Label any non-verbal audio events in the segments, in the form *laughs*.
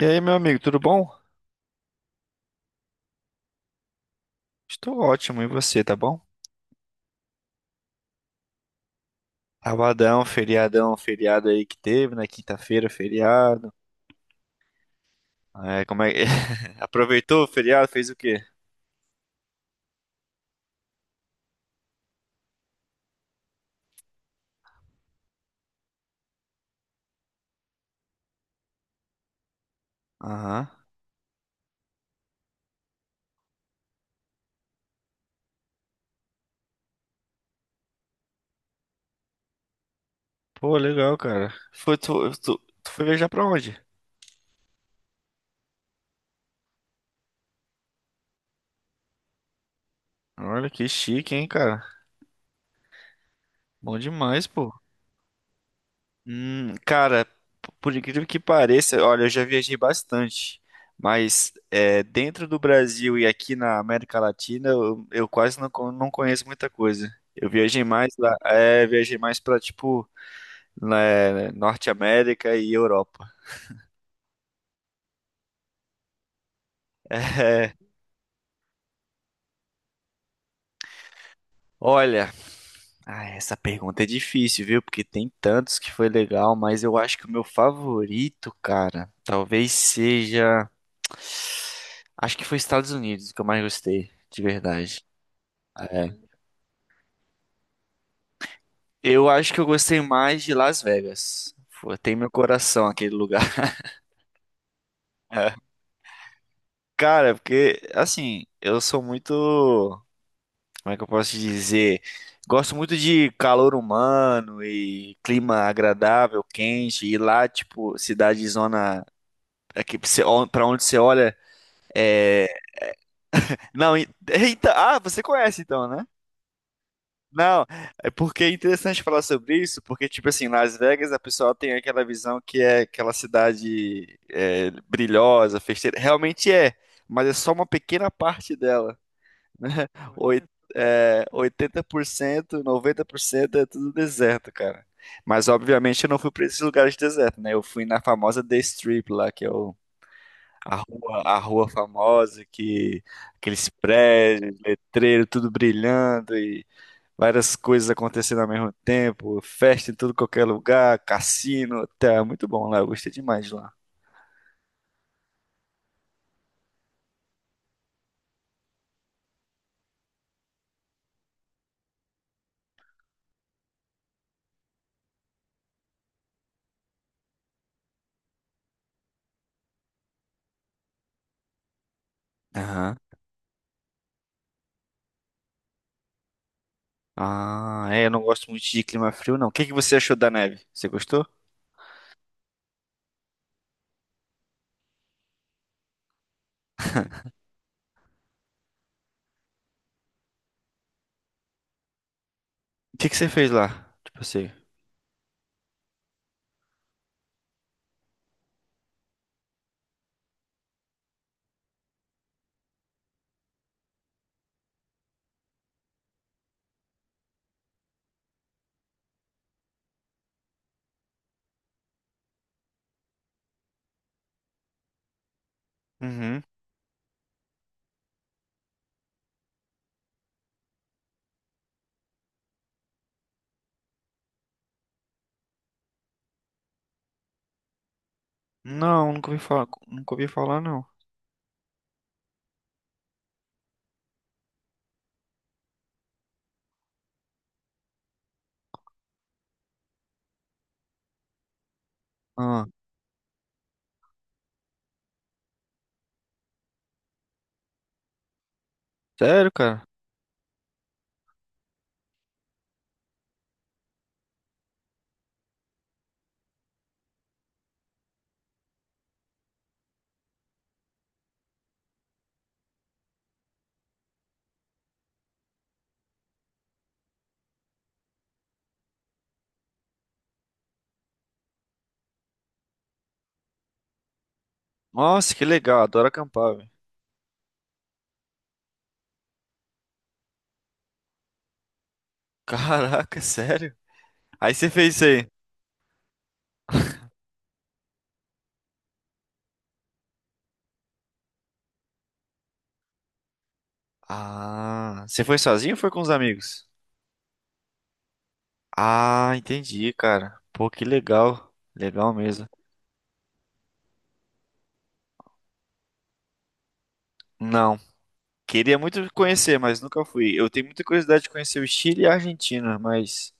E aí, meu amigo, tudo bom? Estou ótimo, e você, tá bom? Sabadão, feriadão, feriado aí que teve, na quinta-feira, feriado. É, como é... que... *laughs* Aproveitou o feriado, fez o quê? Aham. Pô, legal, cara. Foi, tu foi viajar pra onde? Olha que chique, hein, cara. Bom demais, pô. Cara, por incrível que pareça, olha, eu já viajei bastante, mas dentro do Brasil e aqui na América Latina, eu quase não, não conheço muita coisa. Eu viajei mais lá, viajei mais pra, tipo, né, Norte América e Europa. *laughs* É, olha, ah, essa pergunta é difícil, viu? Porque tem tantos que foi legal, mas eu acho que o meu favorito, cara, talvez seja. Acho que foi Estados Unidos que eu mais gostei, de verdade. É. Eu acho que eu gostei mais de Las Vegas. Foi. Tem meu coração aquele lugar. *laughs* É. Cara, porque, assim, eu sou muito. Como é que eu posso dizer? Gosto muito de calor humano e clima agradável, quente, e lá, tipo, cidade zona. É que você pra onde você olha. Não, eita, ah, você conhece então, né? Não, é porque é interessante falar sobre isso, porque, tipo assim, Las Vegas a pessoa tem aquela visão que é aquela cidade é, brilhosa, festeira. Realmente é, mas é só uma pequena parte dela. *laughs* Né? Oi- 80% 90% é tudo deserto, cara. Mas, obviamente, eu não fui pra esses lugares de deserto, né? Eu fui na famosa The Strip lá, que é o. A rua famosa, que aqueles prédios, letreiro, tudo brilhando e várias coisas acontecendo ao mesmo tempo, festa em tudo qualquer lugar, cassino, tá muito bom lá, eu gostei demais de lá. Aham. Ah, é, eu não gosto muito de clima frio, não. O que que você achou da neve? Você gostou? O que que você fez lá? Tipo assim. Uhum. Não, nunca ouvi falar, nunca ouvi falar, não. Ah, sério, cara? Nossa, que legal, adoro acampar, velho. *laughs* Caraca, sério? Aí você fez isso aí. Ah, você foi sozinho ou foi com os amigos? Ah, entendi, cara. Pô, que legal. Legal mesmo. Não, queria muito conhecer, mas nunca fui. Eu tenho muita curiosidade de conhecer o Chile e a Argentina, mas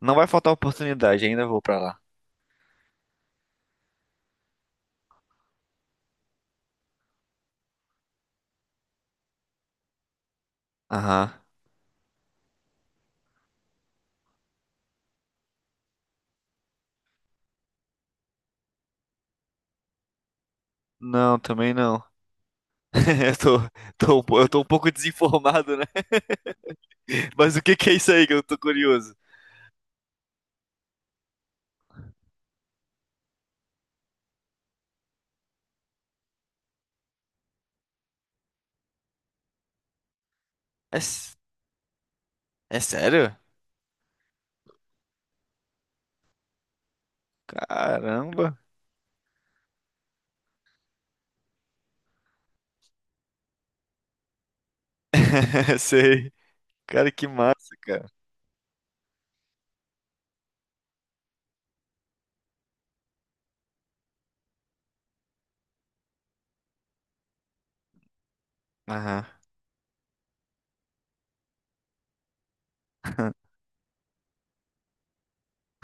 não vai faltar oportunidade, ainda vou pra lá. Aham. Não, também não. *laughs* Eu tô, eu tô um pouco desinformado, né? *laughs* Mas o que que é isso aí que eu tô curioso? É, s- É sério? Caramba. *laughs* Sei. Cara, que massa, cara. Aham.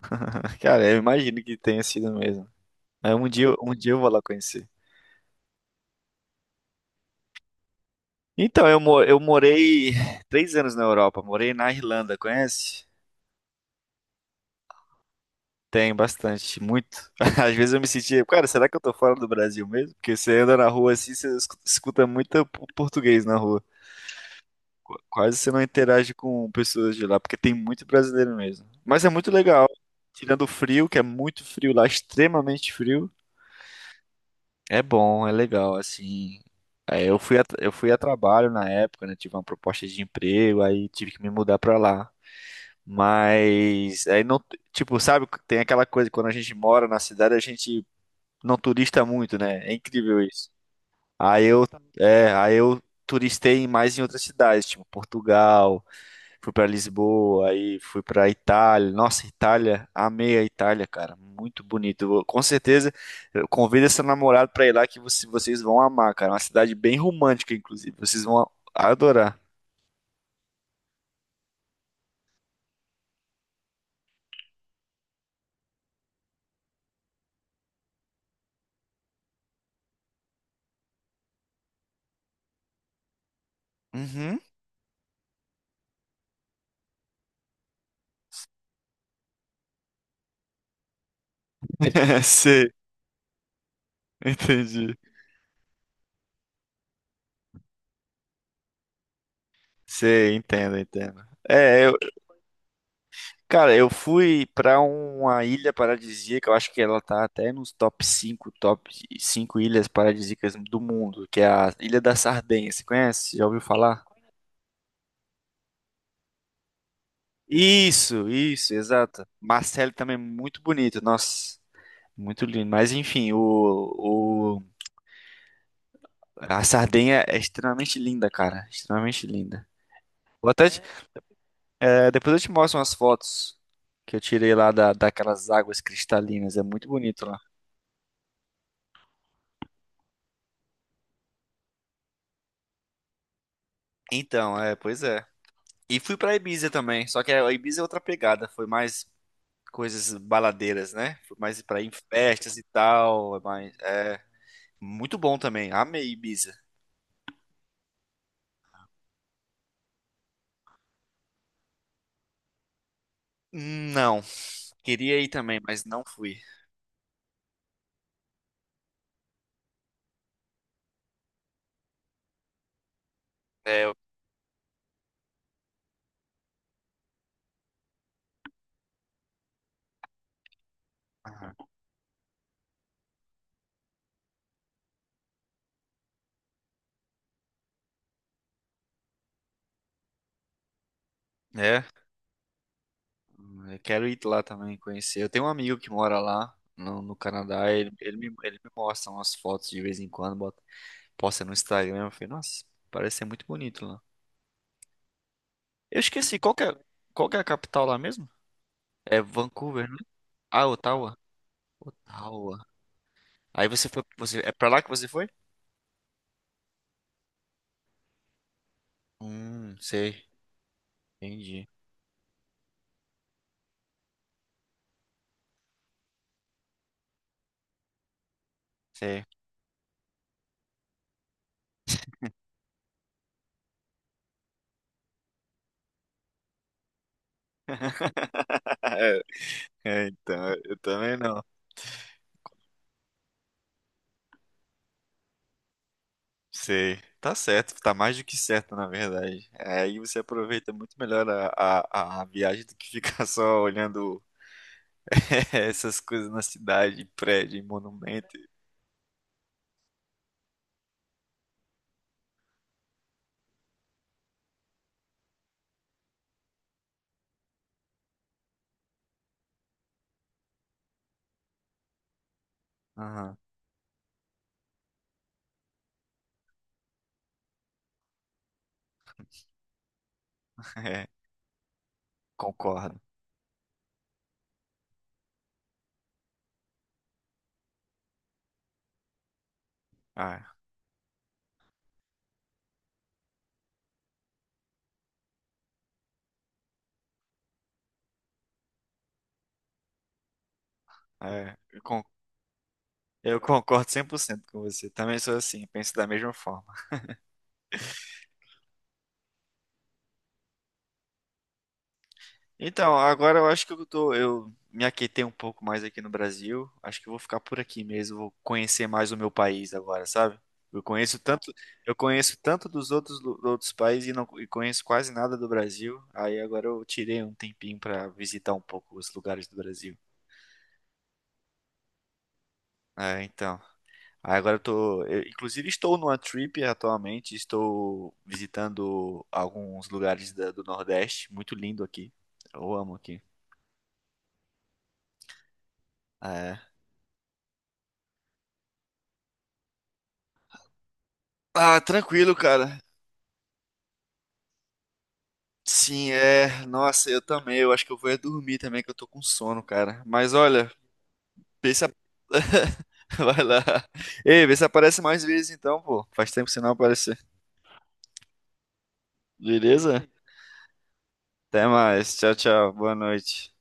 *laughs* Cara, eu imagino que tenha sido mesmo. Mas um dia eu vou lá conhecer. Então, eu morei *sighs* 3 anos na Europa, morei na Irlanda, conhece? Tem bastante, muito. *laughs* Às vezes eu me sentia, cara, será que eu tô fora do Brasil mesmo? Porque você anda na rua assim, você escuta muito português na rua. Quase você não interage com pessoas de lá, porque tem muito brasileiro mesmo. Mas é muito legal, tirando o frio, que é muito frio lá, extremamente frio. É bom, é legal, assim. É, eu fui a trabalho na época, né? Tive uma proposta de emprego, aí tive que me mudar pra lá. Mas aí não, tipo, sabe, tem aquela coisa, quando a gente mora na cidade, a gente não turista muito, né? É incrível isso. Aí eu, aí eu turistei mais em outras cidades, tipo Portugal, fui pra Lisboa, aí fui pra Itália. Nossa, Itália, amei a Itália, cara. Muito bonito. Com certeza, eu convido seu namorado pra ir lá que você. Vocês vão amar, cara. É uma cidade bem romântica, inclusive. Vocês vão adorar. Uhum. *laughs* Sei, entendi. Sei, entendo, entendo. É, eu, cara, eu fui pra uma ilha paradisíaca, eu acho que ela tá até nos top cinco ilhas paradisíacas do mundo, que é a Ilha da Sardenha. Você conhece? Já ouviu falar? Isso, exato. Marcelo também é muito bonito, nossa, muito lindo. Mas enfim, o a Sardenha é extremamente linda, cara, extremamente linda. Vou até te- é, depois eu te mostro umas fotos que eu tirei lá da, daquelas águas cristalinas, é muito bonito lá. Então, é, pois é. E fui pra Ibiza também, só que a Ibiza é outra pegada, foi mais coisas baladeiras, né? Foi mais pra ir em festas e tal, é mais, é muito bom também. Amei Ibiza. Não. Queria ir também, mas não fui. É, eu- Aham. é, eu quero ir lá também conhecer. Eu tenho um amigo que mora lá no, no Canadá. Ele, ele me mostra umas fotos de vez em quando, bota, posta no Instagram. Eu falei, nossa, parece ser muito bonito lá. Eu esqueci, qual que é a capital lá mesmo? É Vancouver, né? Ah, Ottawa. Ottawa. Aí você foi, você, é pra lá que você foi? Sei, entendi. Sei. *laughs* É, então, eu também não. Sei. Tá certo, tá mais do que certo, na verdade. É, aí você aproveita muito melhor a, a viagem do que ficar *laughs* só olhando *laughs* essas coisas na cidade, em prédio, em monumento. Aham, *laughs* é, concordo. Ah, é, eu concordo 100% com você. Também sou assim, penso da mesma forma. Então, agora eu acho que eu tô, eu me aquietei um pouco mais aqui no Brasil. Acho que eu vou ficar por aqui mesmo, vou conhecer mais o meu país agora, sabe? Eu conheço tanto, eu conheço tanto dos outros, outros países e não conheço quase nada do Brasil. Aí agora eu tirei um tempinho pra visitar um pouco os lugares do Brasil. É, então. Aí agora eu tô, eu, inclusive estou numa trip atualmente, estou visitando alguns lugares do Nordeste, muito lindo aqui. Eu amo aqui. É. Ah, tranquilo, cara. Sim, é. Nossa, eu também. Eu acho que eu vou é dormir também, que eu tô com sono, cara. Mas olha, vê se, *laughs* vai lá. Ei, vê se aparece mais vezes então, pô. Faz tempo que você não aparecer. Beleza? Até mais. Tchau, tchau. Boa noite.